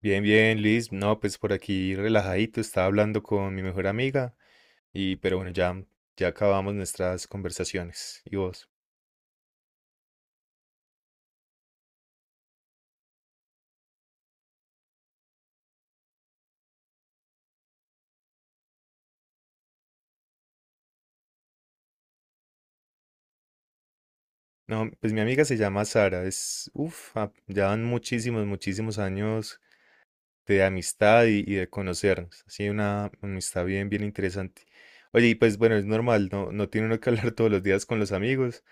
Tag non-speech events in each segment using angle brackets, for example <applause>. Bien, bien, Liz. No, pues por aquí relajadito, estaba hablando con mi mejor amiga y pero bueno, ya acabamos nuestras conversaciones. ¿Y vos? No, pues mi amiga se llama Sara, es, uff, ya van muchísimos, muchísimos años de amistad y de conocernos. Así una amistad bien, bien interesante. Oye, y pues bueno, es normal, no tiene uno que <laughs> hablar todos los días con los amigos.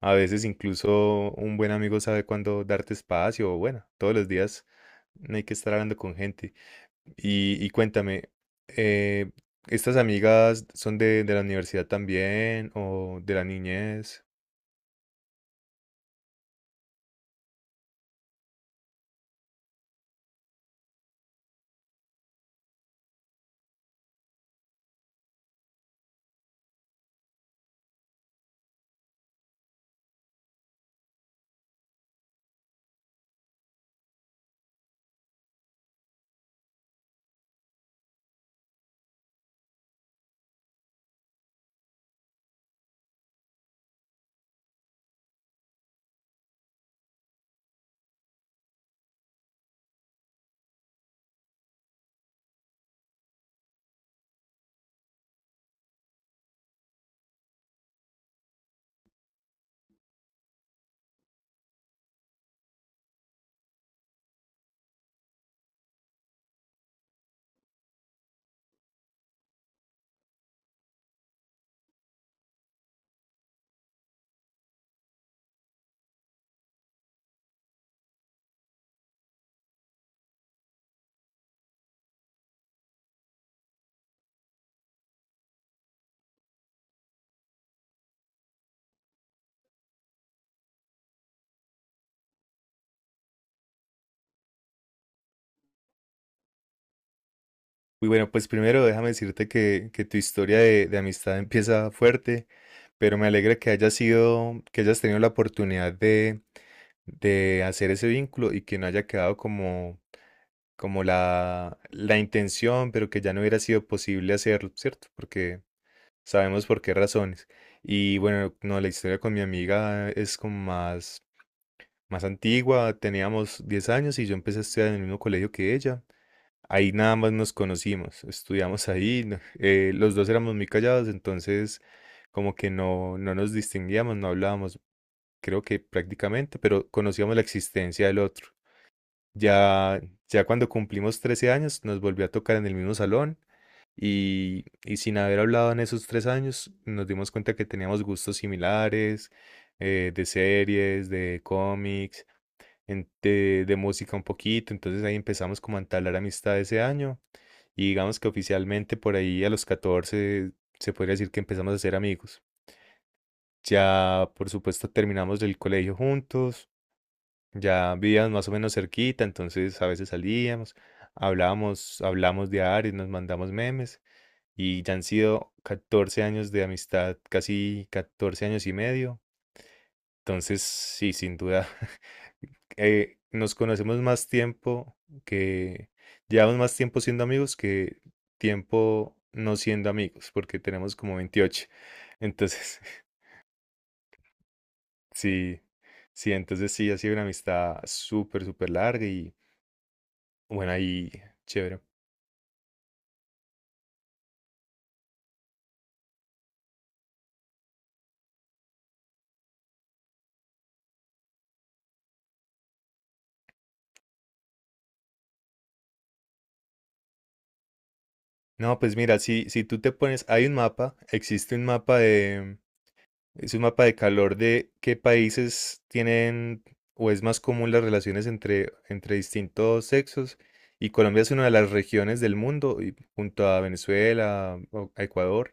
A veces incluso un buen amigo sabe cuándo darte espacio, o bueno, todos los días no hay que estar hablando con gente. Y cuéntame, eh, ¿estas amigas son de la universidad también o de la niñez? Uy, bueno, pues primero déjame decirte que tu historia de amistad empieza fuerte, pero me alegra que hayas tenido la oportunidad de hacer ese vínculo y que no haya quedado como la intención, pero que ya no hubiera sido posible hacerlo, ¿cierto? Porque sabemos por qué razones. Y bueno, no, la historia con mi amiga es como más antigua, teníamos 10 años y yo empecé a estudiar en el mismo colegio que ella. Ahí nada más nos conocimos, estudiamos ahí, los dos éramos muy callados, entonces como que no nos distinguíamos, no hablábamos, creo que prácticamente, pero conocíamos la existencia del otro. Ya, ya cuando cumplimos 13 años nos volvió a tocar en el mismo salón y sin haber hablado en esos 3 años nos dimos cuenta que teníamos gustos similares, de series, de cómics de música un poquito, entonces ahí empezamos como a entablar amistad ese año y digamos que oficialmente por ahí a los 14 se podría decir que empezamos a ser amigos. Ya por supuesto terminamos el colegio juntos, ya vivíamos más o menos cerquita, entonces a veces salíamos, hablábamos, hablamos diario, nos mandamos memes y ya han sido 14 años de amistad, casi 14 años y medio, entonces sí, sin duda. <laughs> Nos conocemos más tiempo que llevamos más tiempo siendo amigos que tiempo no siendo amigos, porque tenemos como 28. Entonces, <laughs> sí, sí, entonces sí, ha sido una amistad súper, súper larga y bueno, ahí, chévere. No, pues mira, si tú te pones, existe un mapa de, es un mapa de calor de qué países tienen o es más común las relaciones entre distintos sexos. Y Colombia es una de las regiones del mundo, y junto a Venezuela, o a Ecuador,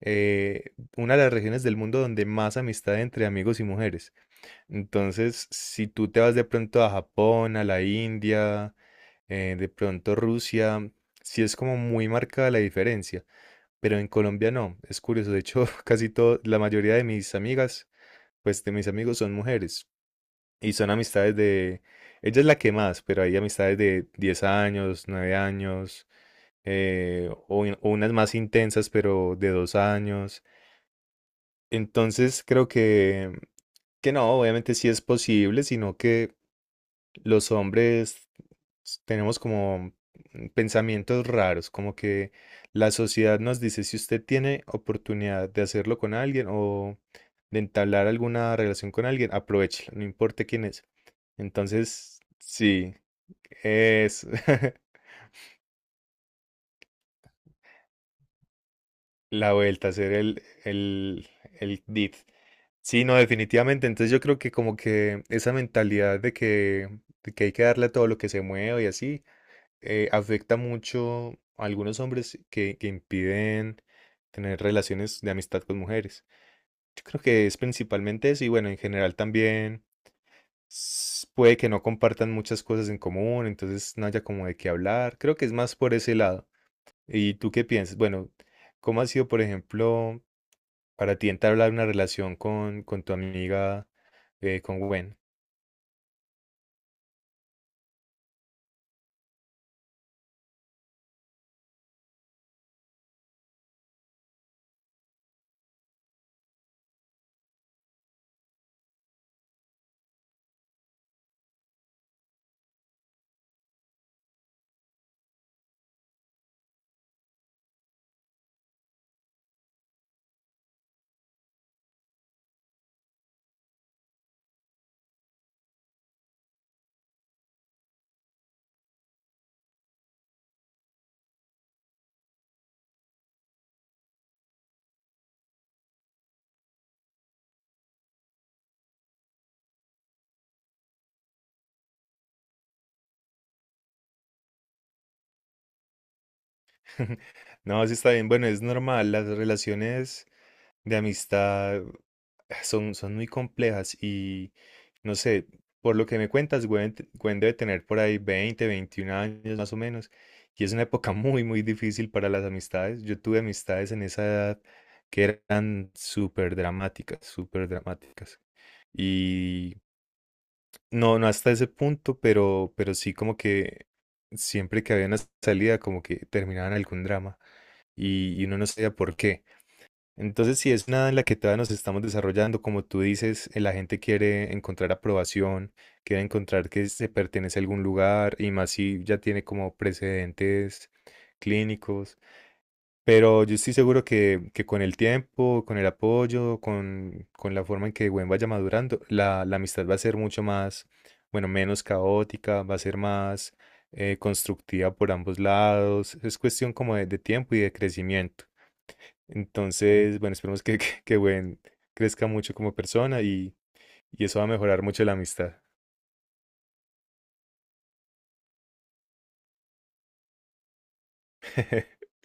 una de las regiones del mundo donde más amistad entre amigos y mujeres. Entonces, si tú te vas de pronto a Japón, a la India, de pronto Rusia, sí es como muy marcada la diferencia. Pero en Colombia no, es curioso. De hecho, <laughs> la mayoría de mis amigas pues de mis amigos son mujeres y son amistades de, ella es la que más, pero hay amistades de 10 años, 9 años, o unas más intensas, pero de 2 años. Entonces creo que no, obviamente sí es posible, sino que los hombres tenemos como pensamientos raros, como que la sociedad nos dice si usted tiene oportunidad de hacerlo con alguien o de entablar alguna relación con alguien, aprovéchela, no importa quién es. Entonces, sí, es <laughs> la vuelta, hacer el, el dit. Sí, no, definitivamente. Entonces yo creo que como que esa mentalidad de que hay que darle a todo lo que se mueve y así, afecta mucho a algunos hombres que impiden tener relaciones de amistad con mujeres. Yo creo que es principalmente eso y bueno, en general también puede que no compartan muchas cosas en común, entonces no haya como de qué hablar. Creo que es más por ese lado. ¿Y tú qué piensas? Bueno, ¿cómo ha sido, por ejemplo, para ti entablar una relación con tu amiga, con Gwen? <laughs> No, sí está bien. Bueno, es normal. Las relaciones de amistad son muy complejas y no sé, por lo que me cuentas, Gwen, debe tener por ahí 20 21 años más o menos. Y es una época <laughs> muy, muy difícil para las amistades. Yo tuve amistades en esa edad que eran súper dramáticas, súper dramáticas. Y no hasta ese punto, pero sí como que siempre que había una salida, como que terminaban algún drama y uno no sabía por qué. Entonces, si es una en la que todavía nos estamos desarrollando, como tú dices, la gente quiere encontrar aprobación, quiere encontrar que se pertenece a algún lugar y más si ya tiene como precedentes clínicos. Pero yo estoy seguro que con el tiempo, con el apoyo, con la forma en que Gwen vaya madurando, la amistad va a ser mucho más, bueno, menos caótica, va a ser más constructiva por ambos lados. Es cuestión como de tiempo y de crecimiento. Entonces, bueno, esperemos que Gwen crezca mucho como persona y eso va a mejorar mucho la amistad. <laughs>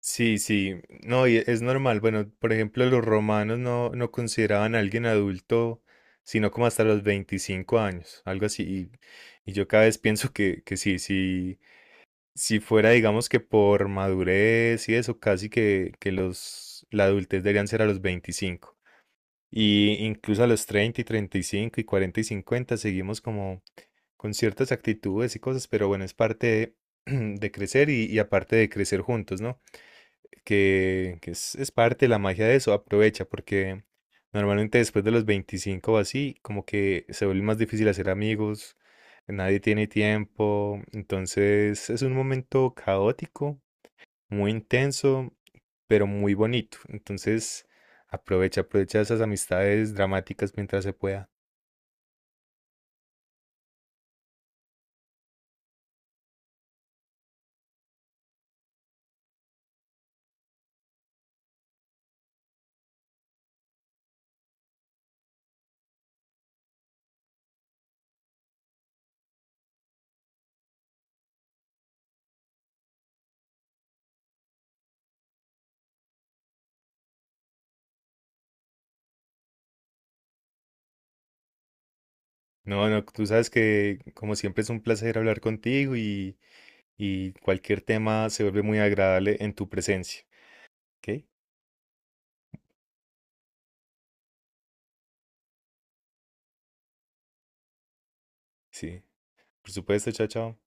Sí, sí, no, y es normal. Bueno, por ejemplo, los romanos no consideraban a alguien adulto sino como hasta los 25 años, algo así. Y yo cada vez pienso que sí, sí si fuera, digamos que por madurez y eso, casi que la adultez deberían ser a los 25. Y incluso a los 30 y 35 y 40 y 50 seguimos como con ciertas actitudes y cosas, pero bueno, es parte de, <clears throat> de crecer y aparte de crecer juntos, ¿no? Que es, parte de la magia de eso, aprovecha, porque normalmente después de los 25 o así, como que se vuelve más difícil hacer amigos, nadie tiene tiempo, entonces es un momento caótico, muy intenso, pero muy bonito, entonces aprovecha, aprovecha esas amistades dramáticas mientras se pueda. No, no, tú sabes que como siempre es un placer hablar contigo y cualquier tema se vuelve muy agradable en tu presencia. ¿Ok? Sí. Por supuesto, chao, chao.